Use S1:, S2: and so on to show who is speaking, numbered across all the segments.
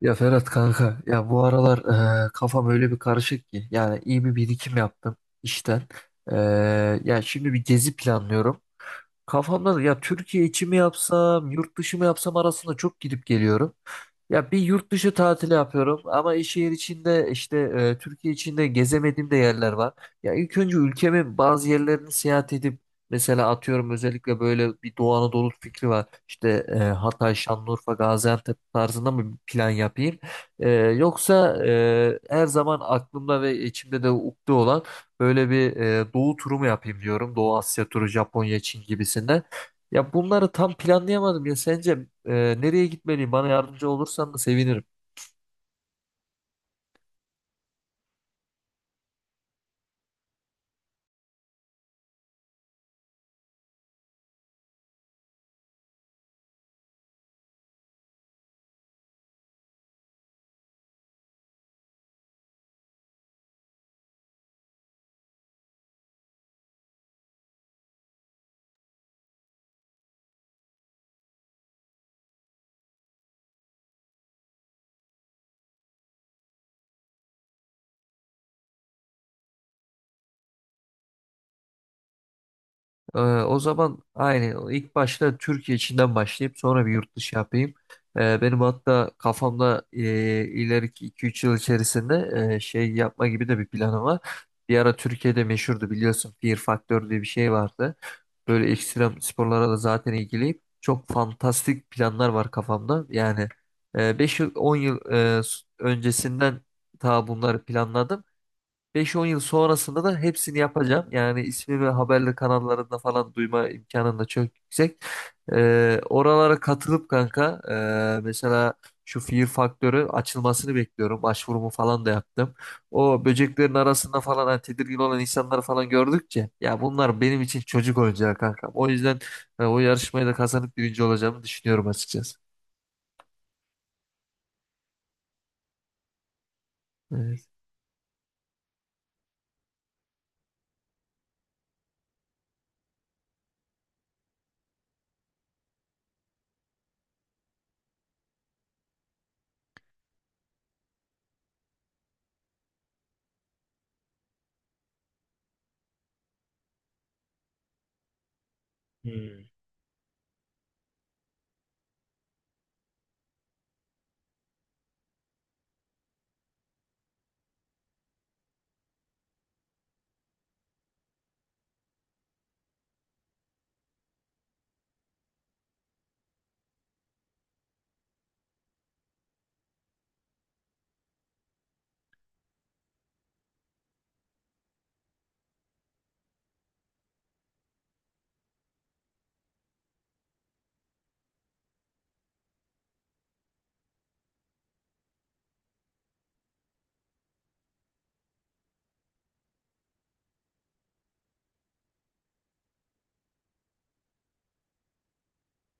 S1: Ya Ferhat kanka ya bu aralar kafam öyle bir karışık ki yani iyi bir birikim yaptım işten. Ya şimdi bir gezi planlıyorum. Kafamda da ya Türkiye içi mi yapsam yurt dışı mı yapsam arasında çok gidip geliyorum. Ya bir yurt dışı tatili yapıyorum ama şehir içinde işte Türkiye içinde gezemediğim de yerler var. Ya ilk önce ülkemin bazı yerlerini seyahat edip mesela atıyorum özellikle böyle bir Doğu Anadolu fikri var. İşte Hatay, Şanlıurfa, Gaziantep tarzında mı bir plan yapayım? Yoksa her zaman aklımda ve içimde de ukde olan böyle bir Doğu turu mu yapayım diyorum. Doğu Asya turu, Japonya, Çin gibisinden. Ya bunları tam planlayamadım ya sence e, nereye gitmeliyim? Bana yardımcı olursan da sevinirim. O zaman aynı ilk başta Türkiye içinden başlayıp sonra bir yurt dışı yapayım. Benim hatta kafamda ileriki iki üç yıl içerisinde şey yapma gibi de bir planım var. Bir ara Türkiye'de meşhurdu biliyorsun Fear Factor diye bir şey vardı. Böyle ekstrem sporlara da zaten ilgiliyim. Çok fantastik planlar var kafamda. Yani 5 yıl 10 yıl e, öncesinden ta bunları planladım. Beş on yıl sonrasında da hepsini yapacağım. Yani ismimi haberli kanallarında falan duyma imkanım da çok yüksek. Oralara katılıp kanka mesela şu Fear Faktörü açılmasını bekliyorum. Başvurumu falan da yaptım. O böceklerin arasında falan hani tedirgin olan insanları falan gördükçe ya bunlar benim için çocuk oyuncağı kanka. O yüzden o yarışmayı da kazanıp birinci olacağımı düşünüyorum açıkçası. Evet. Hmm.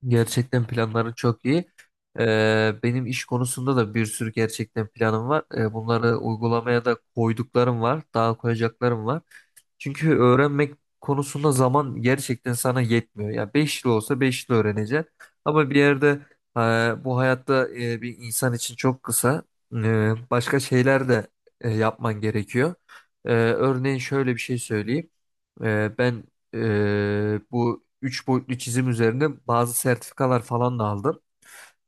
S1: Gerçekten planların çok iyi. Benim iş konusunda da bir sürü gerçekten planım var. Bunları uygulamaya da koyduklarım var. Daha koyacaklarım var. Çünkü öğrenmek konusunda zaman gerçekten sana yetmiyor. Ya 5 yıl olsa 5 yıl öğreneceksin. Ama bir yerde bu hayatta bir insan için çok kısa. Başka şeyler de yapman gerekiyor. Örneğin şöyle bir şey söyleyeyim. Ben bu üç boyutlu çizim üzerine bazı sertifikalar falan da aldım.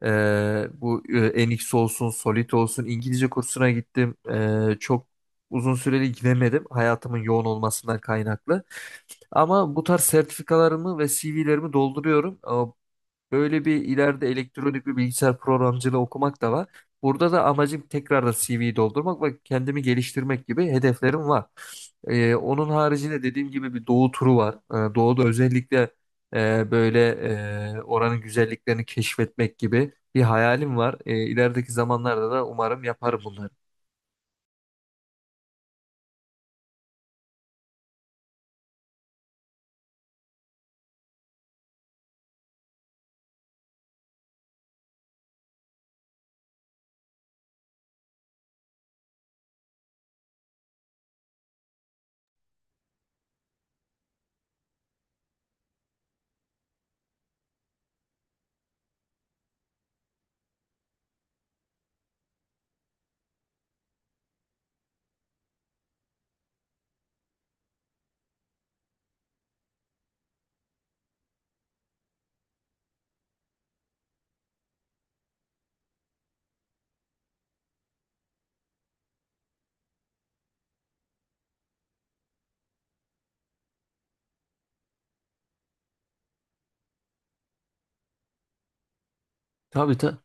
S1: Bu NX olsun, Solid olsun İngilizce kursuna gittim. Çok uzun süreli gidemedim hayatımın yoğun olmasından kaynaklı. Ama bu tarz sertifikalarımı ve CV'lerimi dolduruyorum. Böyle bir ileride elektronik bir bilgisayar programcılığı okumak da var. Burada da amacım tekrar da CV'yi doldurmak ve kendimi geliştirmek gibi hedeflerim var. Onun haricinde dediğim gibi bir doğu turu var. Doğuda özellikle böyle oranın güzelliklerini keşfetmek gibi bir hayalim var. İlerideki zamanlarda da umarım yaparım bunları. Tabii, tabii.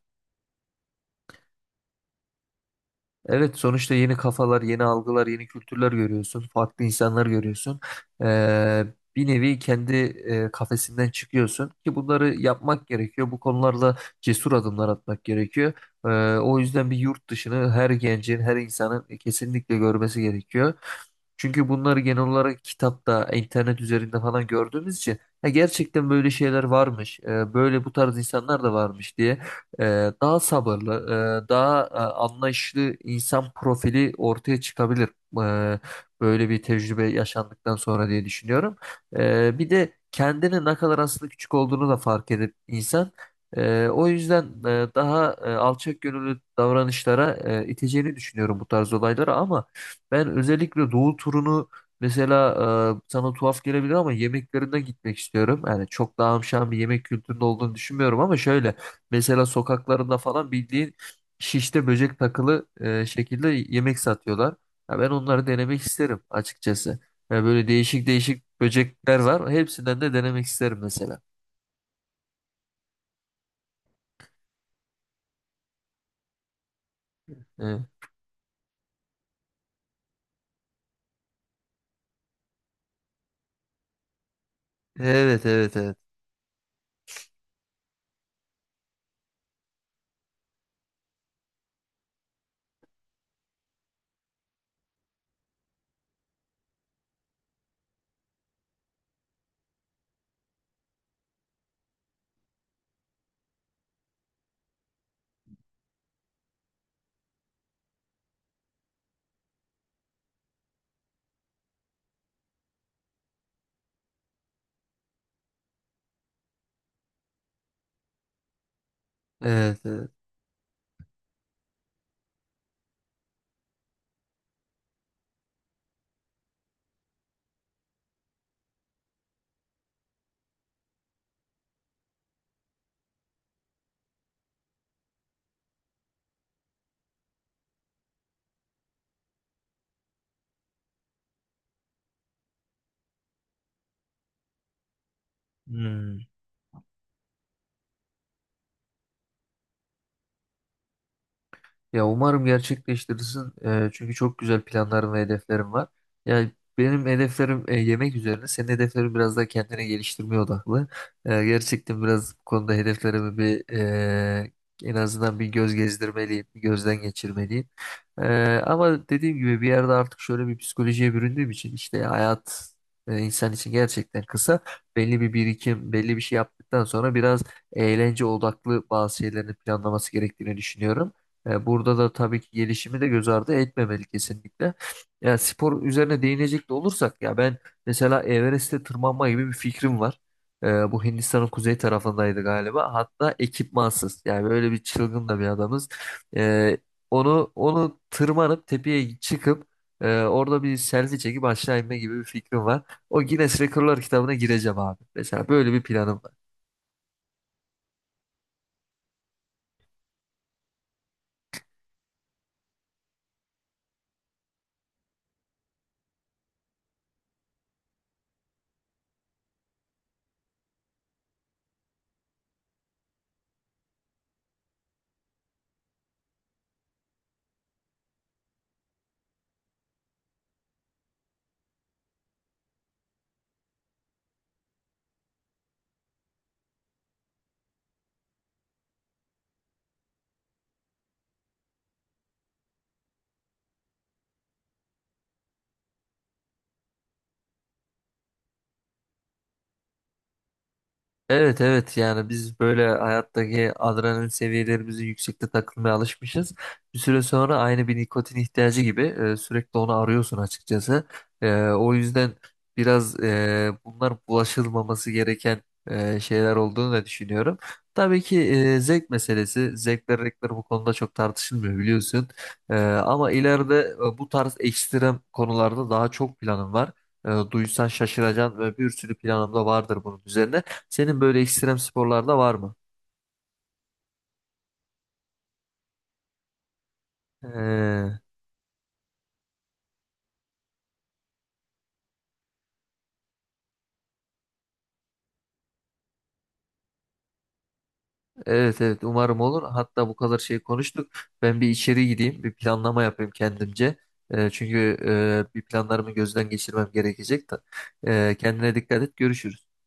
S1: Evet, sonuçta yeni kafalar, yeni algılar, yeni kültürler görüyorsun. Farklı insanlar görüyorsun. Ee, Bir nevi kendi kafesinden çıkıyorsun ki bunları yapmak gerekiyor. Bu konularda cesur adımlar atmak gerekiyor. Ee, O yüzden bir yurt dışını her gencin, her insanın kesinlikle görmesi gerekiyor. Çünkü bunları genel olarak kitapta, internet üzerinde falan gördüğümüz için "Ha, gerçekten böyle şeyler varmış, böyle bu tarz insanlar da varmış" diye daha sabırlı, daha anlayışlı insan profili ortaya çıkabilir. e, Böyle bir tecrübe yaşandıktan sonra diye düşünüyorum. Bir de kendini ne kadar aslında küçük olduğunu da fark edip insan o yüzden daha alçak gönüllü davranışlara iteceğini düşünüyorum bu tarz olaylara. Ama ben özellikle Doğu turunu, mesela, sana tuhaf gelebilir ama yemeklerine gitmek istiyorum. Yani çok daha amşan bir yemek kültüründe olduğunu düşünmüyorum, ama şöyle: mesela sokaklarında falan bildiğin şişte böcek takılı şekilde yemek satıyorlar. Ya ben onları denemek isterim açıkçası. Ya böyle değişik değişik böcekler var. Hepsinden de denemek isterim mesela. Evet, evet, evet. Evet, evet. Evet. Hmm. Ya umarım gerçekleştirirsin. Çünkü çok güzel planlarım ve hedeflerim var. Yani benim hedeflerim yemek üzerine. Senin hedeflerin biraz daha kendine geliştirmeye odaklı. Gerçekten biraz bu konuda hedeflerimi bir en azından bir göz gezdirmeliyim, bir gözden geçirmeliyim. Ama dediğim gibi bir yerde artık şöyle bir psikolojiye büründüğüm için işte hayat insan için gerçekten kısa. Belli bir birikim, belli bir şey yaptıktan sonra biraz eğlence odaklı bazı şeylerin planlaması gerektiğini düşünüyorum. Burada da tabii ki gelişimi de göz ardı etmemeli kesinlikle. Ya spor üzerine değinecek de olursak ya ben mesela Everest'e tırmanma gibi bir fikrim var. Bu Hindistan'ın kuzey tarafındaydı galiba. Hatta ekipmansız. Yani böyle bir çılgın da bir adamız. E, onu tırmanıp tepeye çıkıp orada bir selfie çekip aşağı inme gibi bir fikrim var. O Guinness Rekorlar kitabına gireceğim abi. Mesela böyle bir planım var. Evet, evet, yani biz böyle hayattaki adrenalin seviyelerimizi yüksekte takılmaya alışmışız. Bir süre sonra aynı bir nikotin ihtiyacı gibi sürekli onu arıyorsun açıkçası. O yüzden biraz bunlar bulaşılmaması gereken şeyler olduğunu da düşünüyorum. Tabii ki zevk meselesi, zevkler renkler bu konuda çok tartışılmıyor biliyorsun. Ama ileride bu tarz ekstrem konularda daha çok planım var. Duysan şaşıracaksın ve bir sürü planım da vardır bunun üzerine. Senin böyle ekstrem sporlarda var mı? Ee, evet, evet, umarım olur. Hatta bu kadar şey konuştuk. Ben bir içeri gideyim, bir planlama yapayım kendimce. Çünkü bir planlarımı gözden geçirmem gerekecek de. Kendine dikkat et. Görüşürüz.